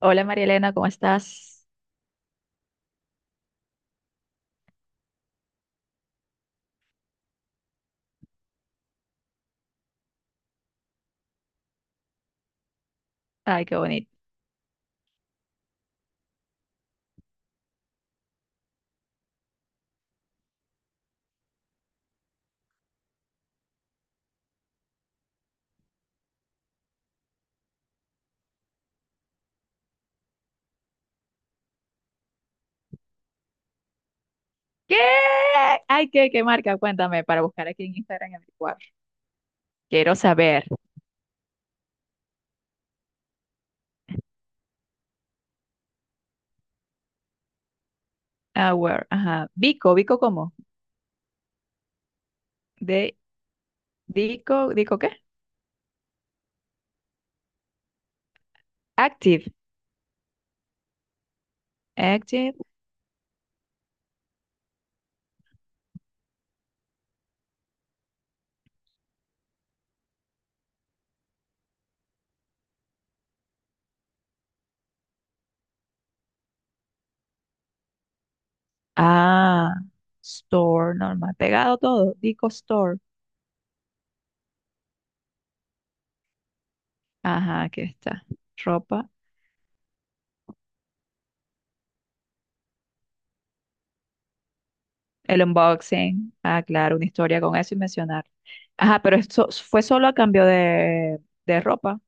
Hola María Elena, ¿cómo estás? Ay, qué bonito. ¿Qué? Ay, ¿qué marca? Cuéntame, para buscar aquí en Instagram en mi. Quiero saber. Ah, where, ajá. Vico, Vico, ¿cómo? De, Vico, ¿Vico qué? Active. Active. Ah, store, normal. Pegado todo. Vico Store. Ajá, aquí está. Ropa. El unboxing. Ah, claro, una historia con eso y mencionar. Ajá, pero esto fue solo a cambio de ropa.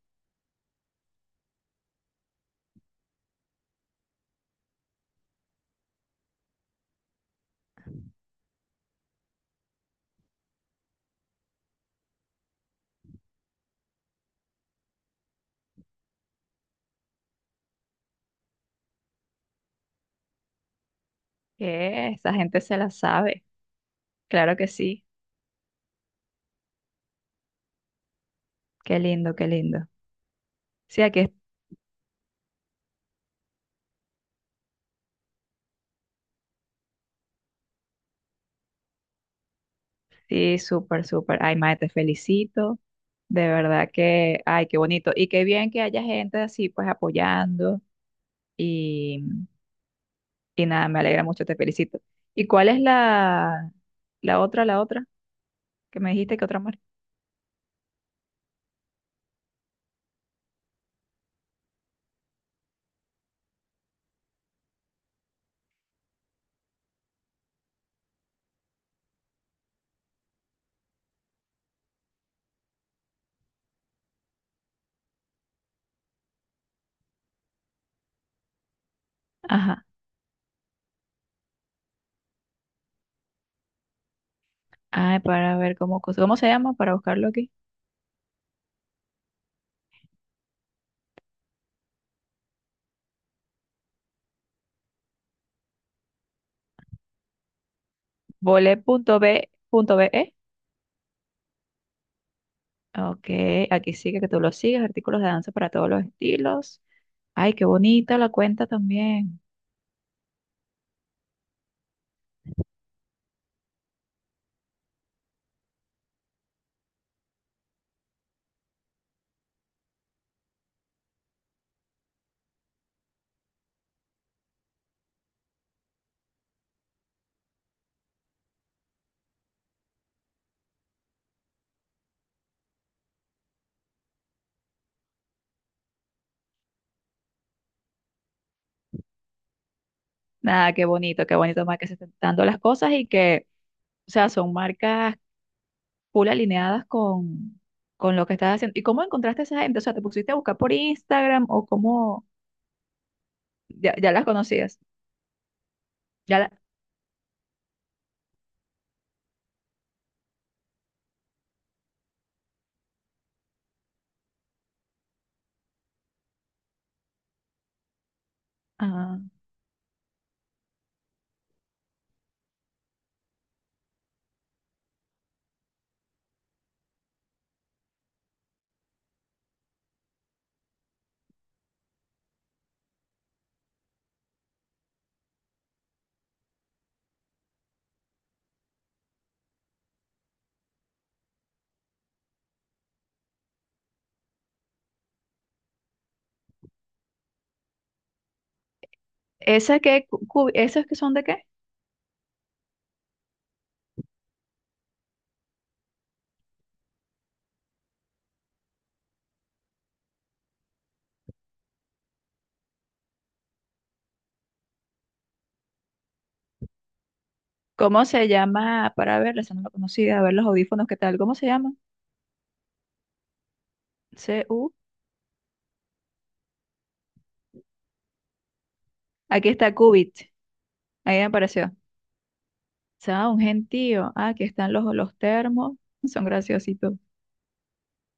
¿Qué? Esa gente se la sabe. Claro que sí. Qué lindo, qué lindo. Sí, aquí sí, súper, súper. Ay, mae, te felicito. De verdad que, ay, qué bonito. Y qué bien que haya gente así, pues apoyando. Y, y nada, me alegra mucho, te felicito. ¿Y cuál es la otra, la otra? Que me dijiste que otra marca. Ajá. Ay, para ver cómo, ¿cómo se llama? Para buscarlo aquí. Vole.b.be. Ok, aquí sigue que tú lo sigues. Artículos de danza para todos los estilos. Ay, qué bonita la cuenta también. Nada, qué bonito más que se están dando las cosas y que, o sea, son marcas full alineadas con lo que estás haciendo. ¿Y cómo encontraste a esa gente? O sea, ¿te pusiste a buscar por Instagram o cómo? Ya, ya las conocías. Ya la... Ah. ¿Esas que son de qué? ¿Cómo se llama? Para verlas, esa no la conocía, a ver los audífonos, ¿qué tal? ¿Cómo se llama? C-U. Aquí está Cubit. Ahí me apareció. O sea, un gentío. Ah, aquí están los termos. Son graciositos.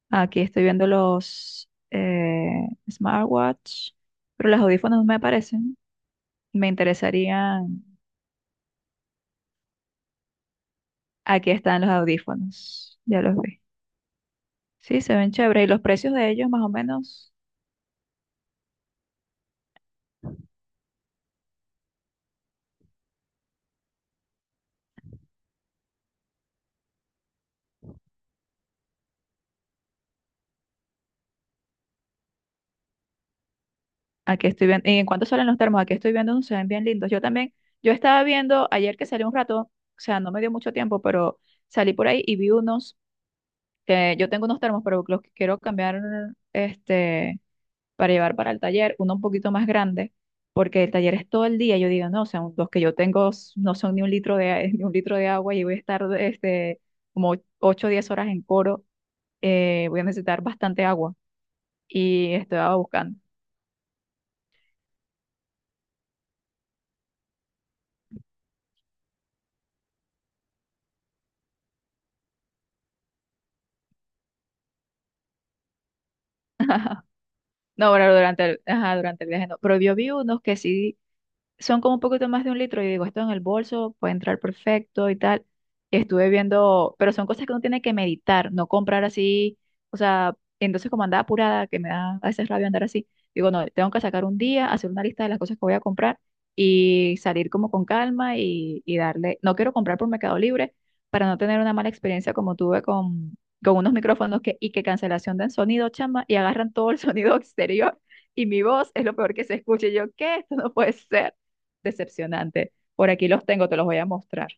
Aquí estoy viendo los smartwatch, pero los audífonos no me aparecen. Me interesarían. Aquí están los audífonos. Ya los vi. Sí, se ven chéveres. Y los precios de ellos, más o menos. Aquí estoy viendo. ¿Y en cuánto salen los termos? Aquí estoy viendo unos, se ven bien lindos. Yo también. Yo estaba viendo ayer que salí un rato. O sea, no me dio mucho tiempo, pero salí por ahí y vi unos. Que yo tengo unos termos, pero los quiero cambiar. Este. Para llevar para el taller, uno un poquito más grande, porque el taller es todo el día. Yo digo, no, o sea, los que yo tengo no son ni un litro de, ni un litro de agua y voy a estar como 8 o 10 horas en coro, voy a necesitar bastante agua y estaba buscando. No, bueno, durante el, ajá, durante el viaje no, pero yo vi unos que sí son como un poquito más de un litro. Y digo, esto en el bolso puede entrar perfecto y tal. Y estuve viendo, pero son cosas que uno tiene que meditar, no comprar así. O sea, entonces como andaba apurada, que me da a veces rabia andar así, digo, no, tengo que sacar un día, hacer una lista de las cosas que voy a comprar y salir como con calma y darle. No quiero comprar por Mercado Libre para no tener una mala experiencia como tuve con unos micrófonos que, y que cancelación del sonido, chama, y agarran todo el sonido exterior y mi voz es lo peor que se escuche. Y yo, ¿qué? Esto no puede ser. Decepcionante. Por aquí los tengo, te los voy a mostrar.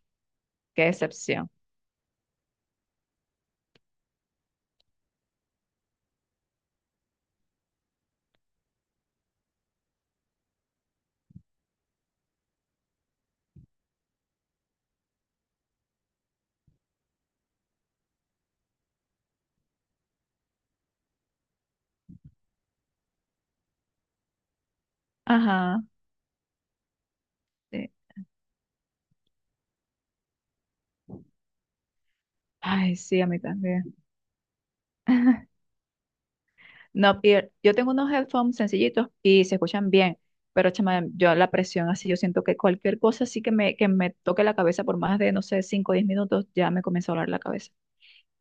Qué decepción. Ajá. Sí. Ay, sí, a mí también. No, y yo tengo unos headphones sencillitos y se escuchan bien, pero chama, yo la presión así, yo siento que cualquier cosa así que me toque la cabeza por más de, no sé, 5 o 10 minutos, ya me comienza a doler la cabeza.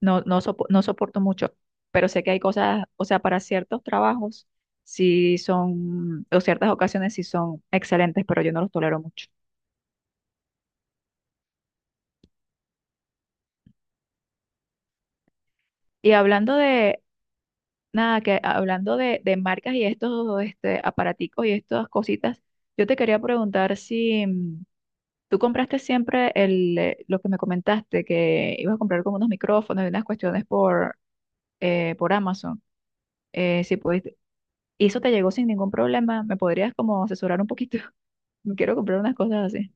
No, no, no soporto mucho, pero sé que hay cosas, o sea, para ciertos trabajos, sí son, o ciertas ocasiones sí son excelentes, pero yo no los tolero mucho. Y hablando de Nada, que hablando de marcas y estos aparaticos y estas cositas, yo te quería preguntar si tú compraste siempre lo que me comentaste, que ibas a comprar como unos micrófonos y unas cuestiones por Amazon. Si pudiste, y eso te llegó sin ningún problema, ¿me podrías como asesorar un poquito? Quiero comprar unas cosas así.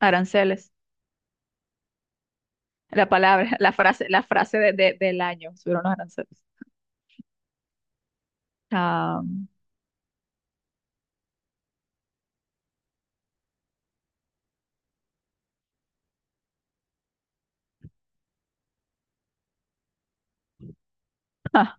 Aranceles, la palabra, la frase del año, subieron los aranceles. Ah, ah,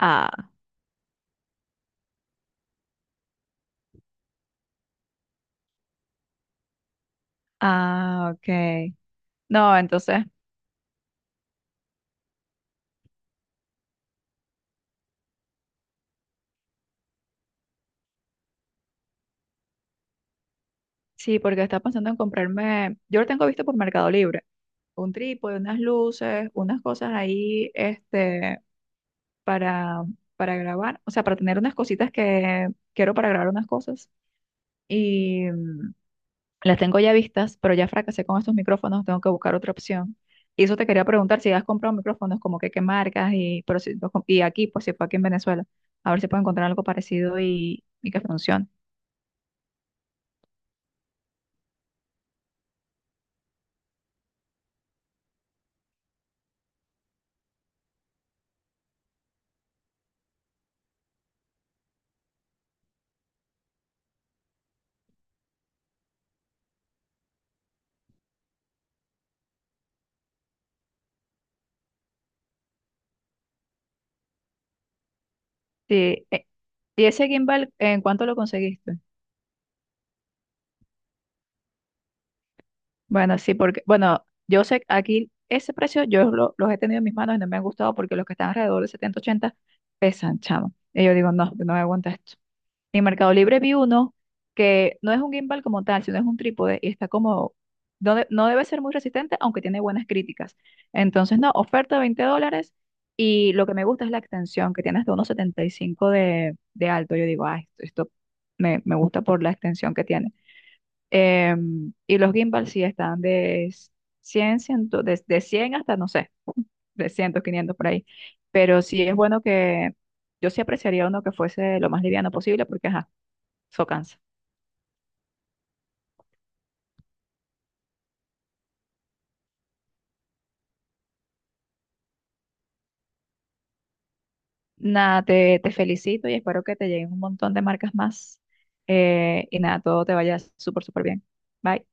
ah, ah, ok. No, entonces. Sí, porque estaba pensando en comprarme, yo lo tengo visto por Mercado Libre, un trípode, unas luces, unas cosas ahí, para, para grabar, o sea, para tener unas cositas que quiero para grabar unas cosas. Y las tengo ya vistas, pero ya fracasé con estos micrófonos, tengo que buscar otra opción. Y eso te quería preguntar si has comprado micrófonos, como que qué marcas, y, pero si, y aquí, pues si fue aquí en Venezuela, a ver si puedo encontrar algo parecido y que funcione. Sí, ¿y ese gimbal en cuánto lo conseguiste? Bueno, sí, porque, bueno, yo sé que aquí ese precio, los he tenido en mis manos y no me han gustado porque los que están alrededor de 70 80 pesan, chamo. Y yo digo, no, no me aguanta esto. En Mercado Libre vi uno que no es un gimbal como tal, sino es un trípode y está como, no, no debe ser muy resistente, aunque tiene buenas críticas. Entonces, no, oferta $20 y lo que me gusta es la extensión, que tiene hasta unos 75 de alto. Yo digo, ah, esto me gusta por la extensión que tiene. Y los gimbal sí están de 100 100 de 100 hasta, no sé, 300, 500 por ahí. Pero sí es bueno que yo sí apreciaría uno que fuese lo más liviano posible porque, ajá, eso cansa. Nada, te felicito y espero que te lleguen un montón de marcas más. Y nada, todo te vaya súper, súper bien. Bye.